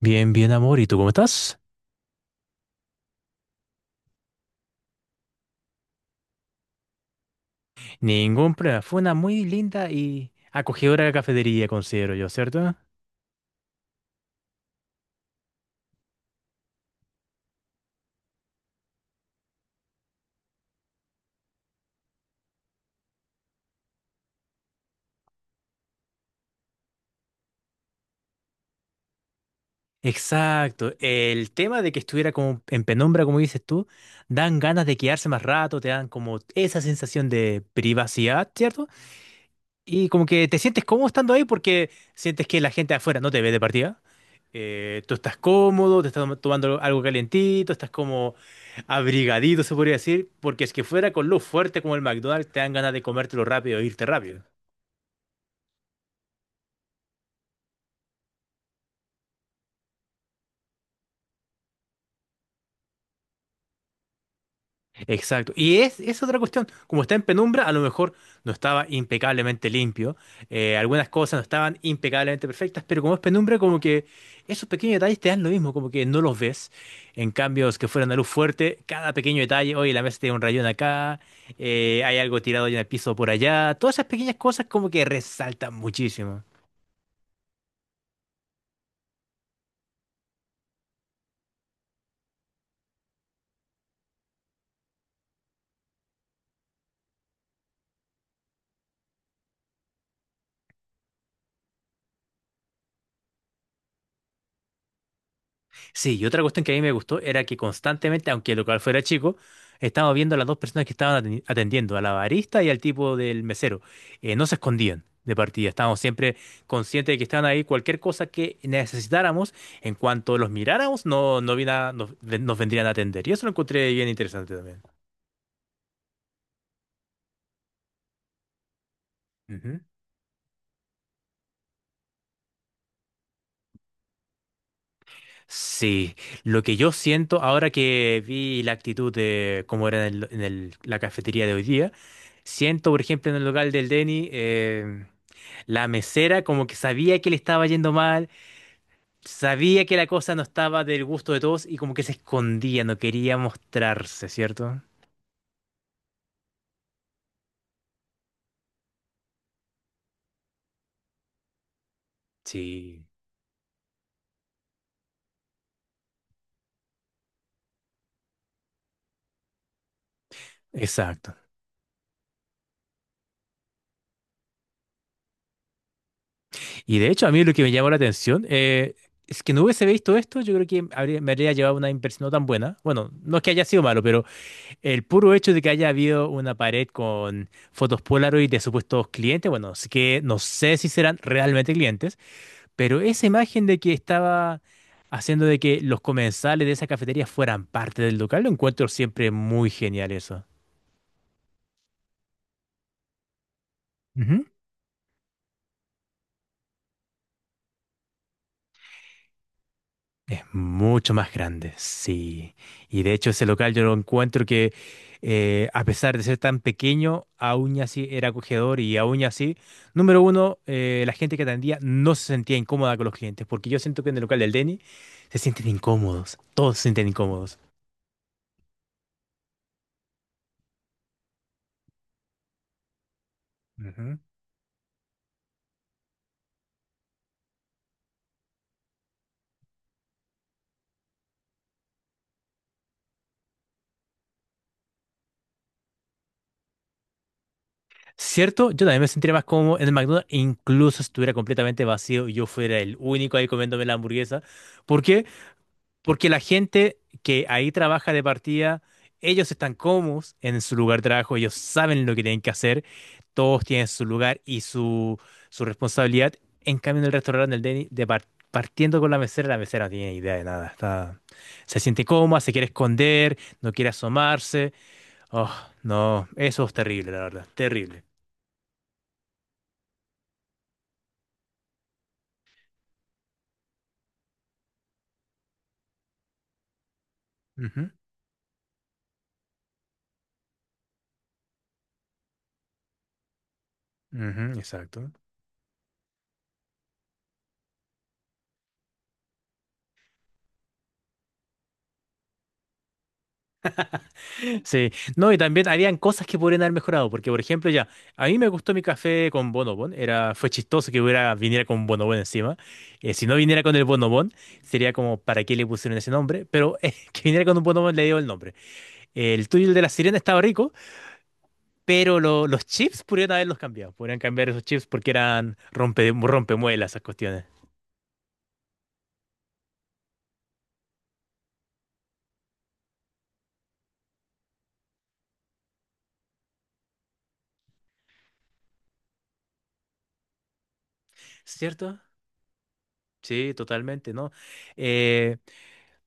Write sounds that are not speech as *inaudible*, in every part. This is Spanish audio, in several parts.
Bien, bien, amor. ¿Y tú cómo estás? Ningún problema. Fue una muy linda y acogedora cafetería, considero yo, ¿cierto? Exacto. El tema de que estuviera como en penumbra, como dices tú, dan ganas de quedarse más rato, te dan como esa sensación de privacidad, ¿cierto? Y como que te sientes cómodo estando ahí porque sientes que la gente de afuera no te ve de partida. Tú estás cómodo, te estás tomando algo calentito, estás como abrigadito, se podría decir, porque es que fuera con lo fuerte como el McDonald's te dan ganas de comértelo rápido e irte rápido. Exacto. Y es otra cuestión. Como está en penumbra, a lo mejor no estaba impecablemente limpio. Algunas cosas no estaban impecablemente perfectas, pero como es penumbra, como que esos pequeños detalles te dan lo mismo, como que no los ves. En cambios que fueran a luz fuerte, cada pequeño detalle, oye, la mesa tiene un rayón acá, hay algo tirado en el piso por allá. Todas esas pequeñas cosas como que resaltan muchísimo. Sí, y otra cuestión que a mí me gustó era que constantemente, aunque el local fuera chico, estábamos viendo a las dos personas que estaban atendiendo, a la barista y al tipo del mesero. No se escondían de partida, estábamos siempre conscientes de que estaban ahí. Cualquier cosa que necesitáramos, en cuanto los miráramos, no, nos vendrían a atender. Y eso lo encontré bien interesante también. Sí, lo que yo siento ahora que vi la actitud de cómo era en la cafetería de hoy día, siento, por ejemplo, en el local del Denny, la mesera como que sabía que le estaba yendo mal, sabía que la cosa no estaba del gusto de todos y como que se escondía, no quería mostrarse, ¿cierto? Sí. Exacto. Y de hecho, a mí lo que me llamó la atención es que no hubiese visto esto, yo creo que me habría llevado una impresión no tan buena. Bueno, no es que haya sido malo, pero... El puro hecho de que haya habido una pared con fotos Polaroid de supuestos clientes, bueno, sí que no sé si serán realmente clientes, pero esa imagen de que estaba haciendo de que los comensales de esa cafetería fueran parte del local, lo encuentro siempre muy genial eso. Es mucho más grande, sí. Y de hecho ese local yo lo encuentro que a pesar de ser tan pequeño, aún así era acogedor y aún así, número uno, la gente que atendía no se sentía incómoda con los clientes, porque yo siento que en el local del Denny se sienten incómodos, todos se sienten incómodos. Ujú. Cierto, yo también me sentiría más cómodo en el McDonald's, incluso si estuviera completamente vacío y yo fuera el único ahí comiéndome la hamburguesa. porque Porque la gente que ahí trabaja de partida, ellos están cómodos en su lugar de trabajo, ellos saben lo que tienen que hacer, todos tienen su lugar y su responsabilidad. En cambio, en el restaurante, el Denny, de partiendo con la mesera no tiene idea de nada. Está, se siente cómoda, se quiere esconder, no quiere asomarse. Oh, no, eso es terrible, la verdad, terrible. Ujú, ujú, exacto. Sí, no, y también habían cosas que podrían haber mejorado, porque por ejemplo ya, a mí me gustó mi café con bonobón, era, fue chistoso que hubiera, viniera con bonobón encima, si no viniera con el bonobón, sería como, ¿para qué le pusieron ese nombre? Pero *laughs* que viniera con un bonobón le dio el nombre. El tuyo, el de la sirena, estaba rico, pero los chips podrían haberlos cambiado, podrían cambiar esos chips porque eran rompemuelas esas cuestiones, ¿cierto? Sí, totalmente, ¿no?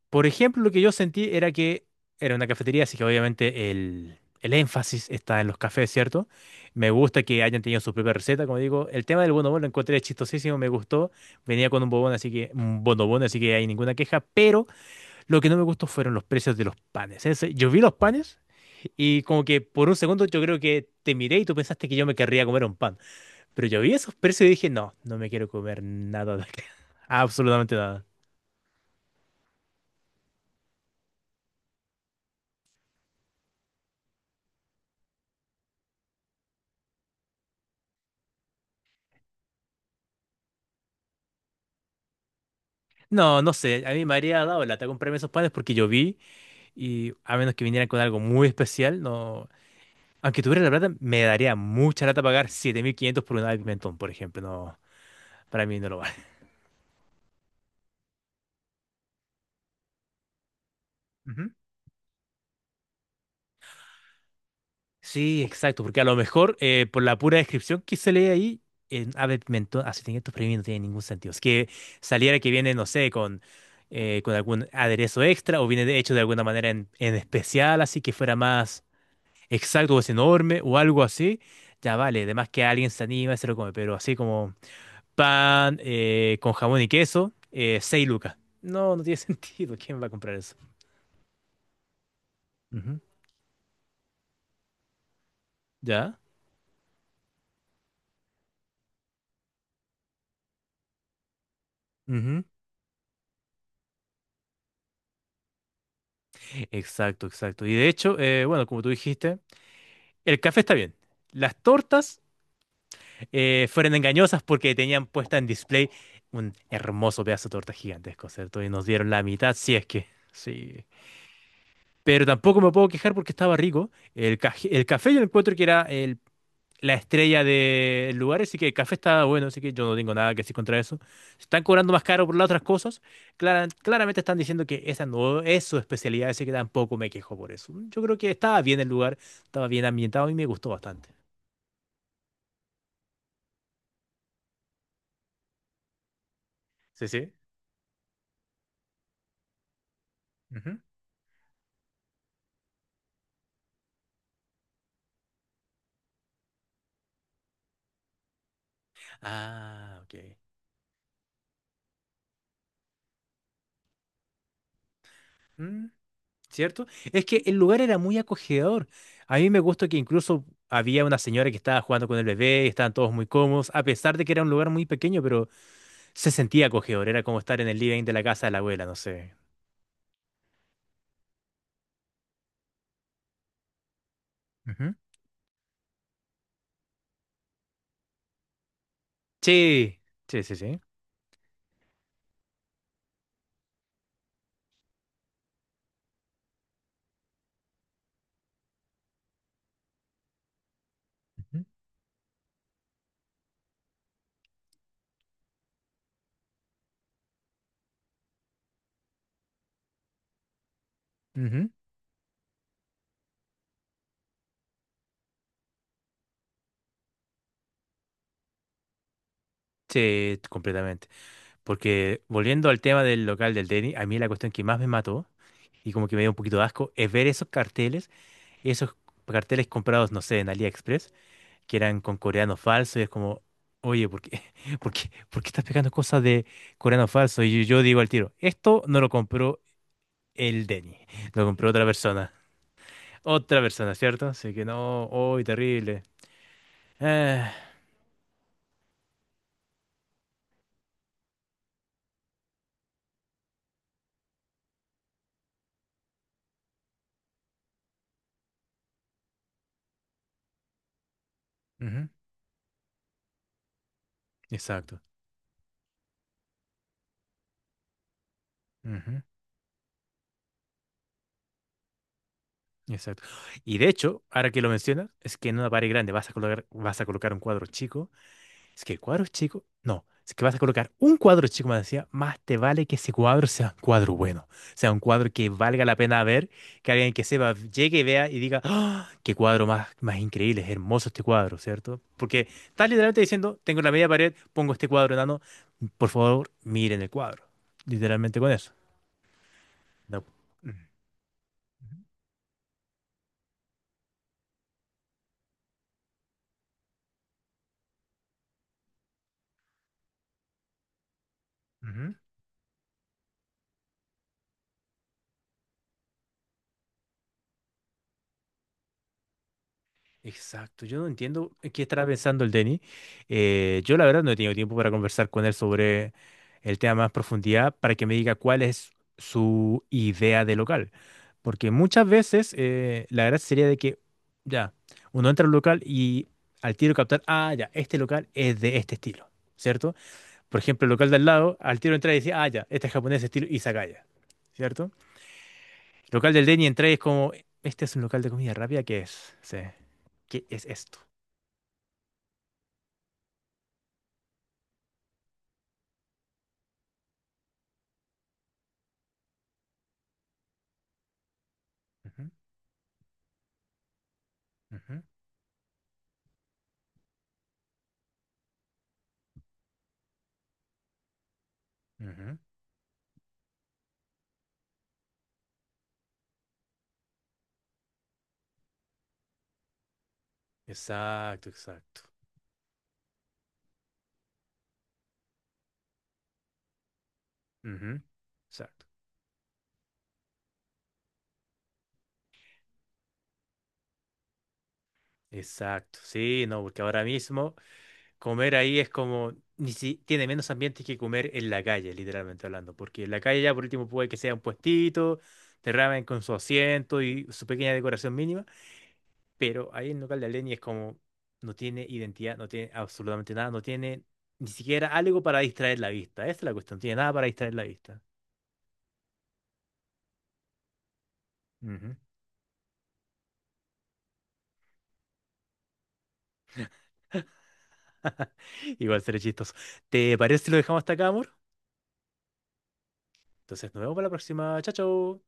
Por ejemplo, lo que yo sentí era que era una cafetería, así que obviamente el énfasis está en los cafés, ¿cierto? Me gusta que hayan tenido su propia receta, como digo. El tema del bonobón lo encontré chistosísimo, me gustó. Venía con un bobón, así que un bonobón, así que hay ninguna queja. Pero lo que no me gustó fueron los precios de los panes. Yo vi los panes y como que por un segundo yo creo que te miré y tú pensaste que yo me querría comer un pan. Pero yo vi esos precios y dije, no, no me quiero comer nada de acá. *laughs* Absolutamente nada. No, no sé, a mí me habría dado lata comprarme esos panes porque yo vi y a menos que vinieran con algo muy especial, no. Aunque tuviera la plata, me daría mucha lata pagar 7500 por una de pimentón, por ejemplo. No, para mí no lo vale. Ujú. Sí, exacto, porque a lo mejor por la pura descripción que se lee ahí, en ave pimentón así 700 estos premios no tiene ningún sentido. Es que saliera que viene, no sé, con algún aderezo extra o viene de hecho de alguna manera en, especial, así que fuera más exacto, o es enorme o algo así, ya vale. Además que alguien se anima y se lo come, pero así como pan con jamón y queso, 6 lucas. No, no tiene *laughs* sentido. ¿Quién va a comprar eso? Ujú. ¿Ya? Ujú. Exacto, exacto. Y de hecho, bueno, como tú dijiste, el café está bien. Las tortas fueron engañosas porque tenían puesta en display un hermoso pedazo de torta gigantesco, ¿cierto? Y nos dieron la mitad, si es que... Sí. Pero tampoco me puedo quejar porque estaba rico. El café yo encuentro que era la estrella del lugar, así que el café estaba bueno, así que yo no tengo nada que decir contra eso. Se están cobrando más caro por las otras cosas. Claramente están diciendo que esa no es su especialidad, así que tampoco me quejo por eso. Yo creo que estaba bien el lugar, estaba bien ambientado y me gustó bastante. Sí, sí. Ujú. Ah, ok. ¿Cierto? Es que el lugar era muy acogedor. A mí me gustó que incluso había una señora que estaba jugando con el bebé, y estaban todos muy cómodos, a pesar de que era un lugar muy pequeño, pero se sentía acogedor. Era como estar en el living de la casa de la abuela, no sé. Ujú. Sí, sí, sí, sí. Ujú, ujú. Sí, completamente. Porque volviendo al tema del local del Denny, a mí la cuestión que más me mató y como que me dio un poquito de asco es ver esos carteles comprados, no sé, en AliExpress que eran con coreano falso y es como, oye, ¿por qué, *laughs* por qué estás pegando cosas de coreano falso? Y yo digo al tiro, esto no lo compró el Denny, lo compró otra persona. Otra persona, ¿cierto? Así que no, hoy terrible. Ah, ujú, exacto. Ujú, exacto. Y de hecho, ahora que lo mencionas, es que en una pared grande vas a colocar, un cuadro chico. Es que el cuadro es chico. No, es que vas a colocar un cuadro chico, me decía, más te vale que ese cuadro sea un cuadro bueno, sea un cuadro que valga la pena ver, que alguien que sepa llegue y vea y diga, ¡Ah! Qué cuadro más, más increíble, es hermoso este cuadro, ¿cierto? Porque estás literalmente diciendo, tengo la media pared, pongo este cuadro enano, por favor, miren el cuadro. Literalmente con eso. No. Ujú, ujú. Exacto, yo no entiendo en qué estará pensando el Denny. Yo la verdad no he tenido tiempo para conversar con él sobre el tema más profundidad para que me diga cuál es su idea de local. Porque muchas veces la gracia sería de que, ya, uno entra al local y al tiro captar, ah, ya, este local es de este estilo, ¿cierto? Por ejemplo, el local del lado, al tiro entra y dice, ah, ya, este es japonés de estilo izakaya, ¿cierto? El local del Denny entra y es como, este es un local de comida rápida, ¿qué es? Sí. ¿Qué es esto? Ujú, ujú, ujú. Exacto, exacto. Ujú, exacto. Exacto. Sí, no, porque ahora mismo comer ahí es como, ni si, tiene menos ambientes que comer en la calle, literalmente hablando, porque en la calle ya por último puede que sea un puestito, de ramen con su asiento y su pequeña decoración mínima, pero ahí en local de Aleni es como, no tiene identidad, no tiene absolutamente nada, no tiene ni siquiera algo para distraer la vista. Esa es la cuestión, no tiene nada para distraer la vista. Ujú. *laughs* Igual seré chistoso. ¿Te parece si lo dejamos hasta acá, amor? Entonces nos vemos para la próxima. Chao, chao.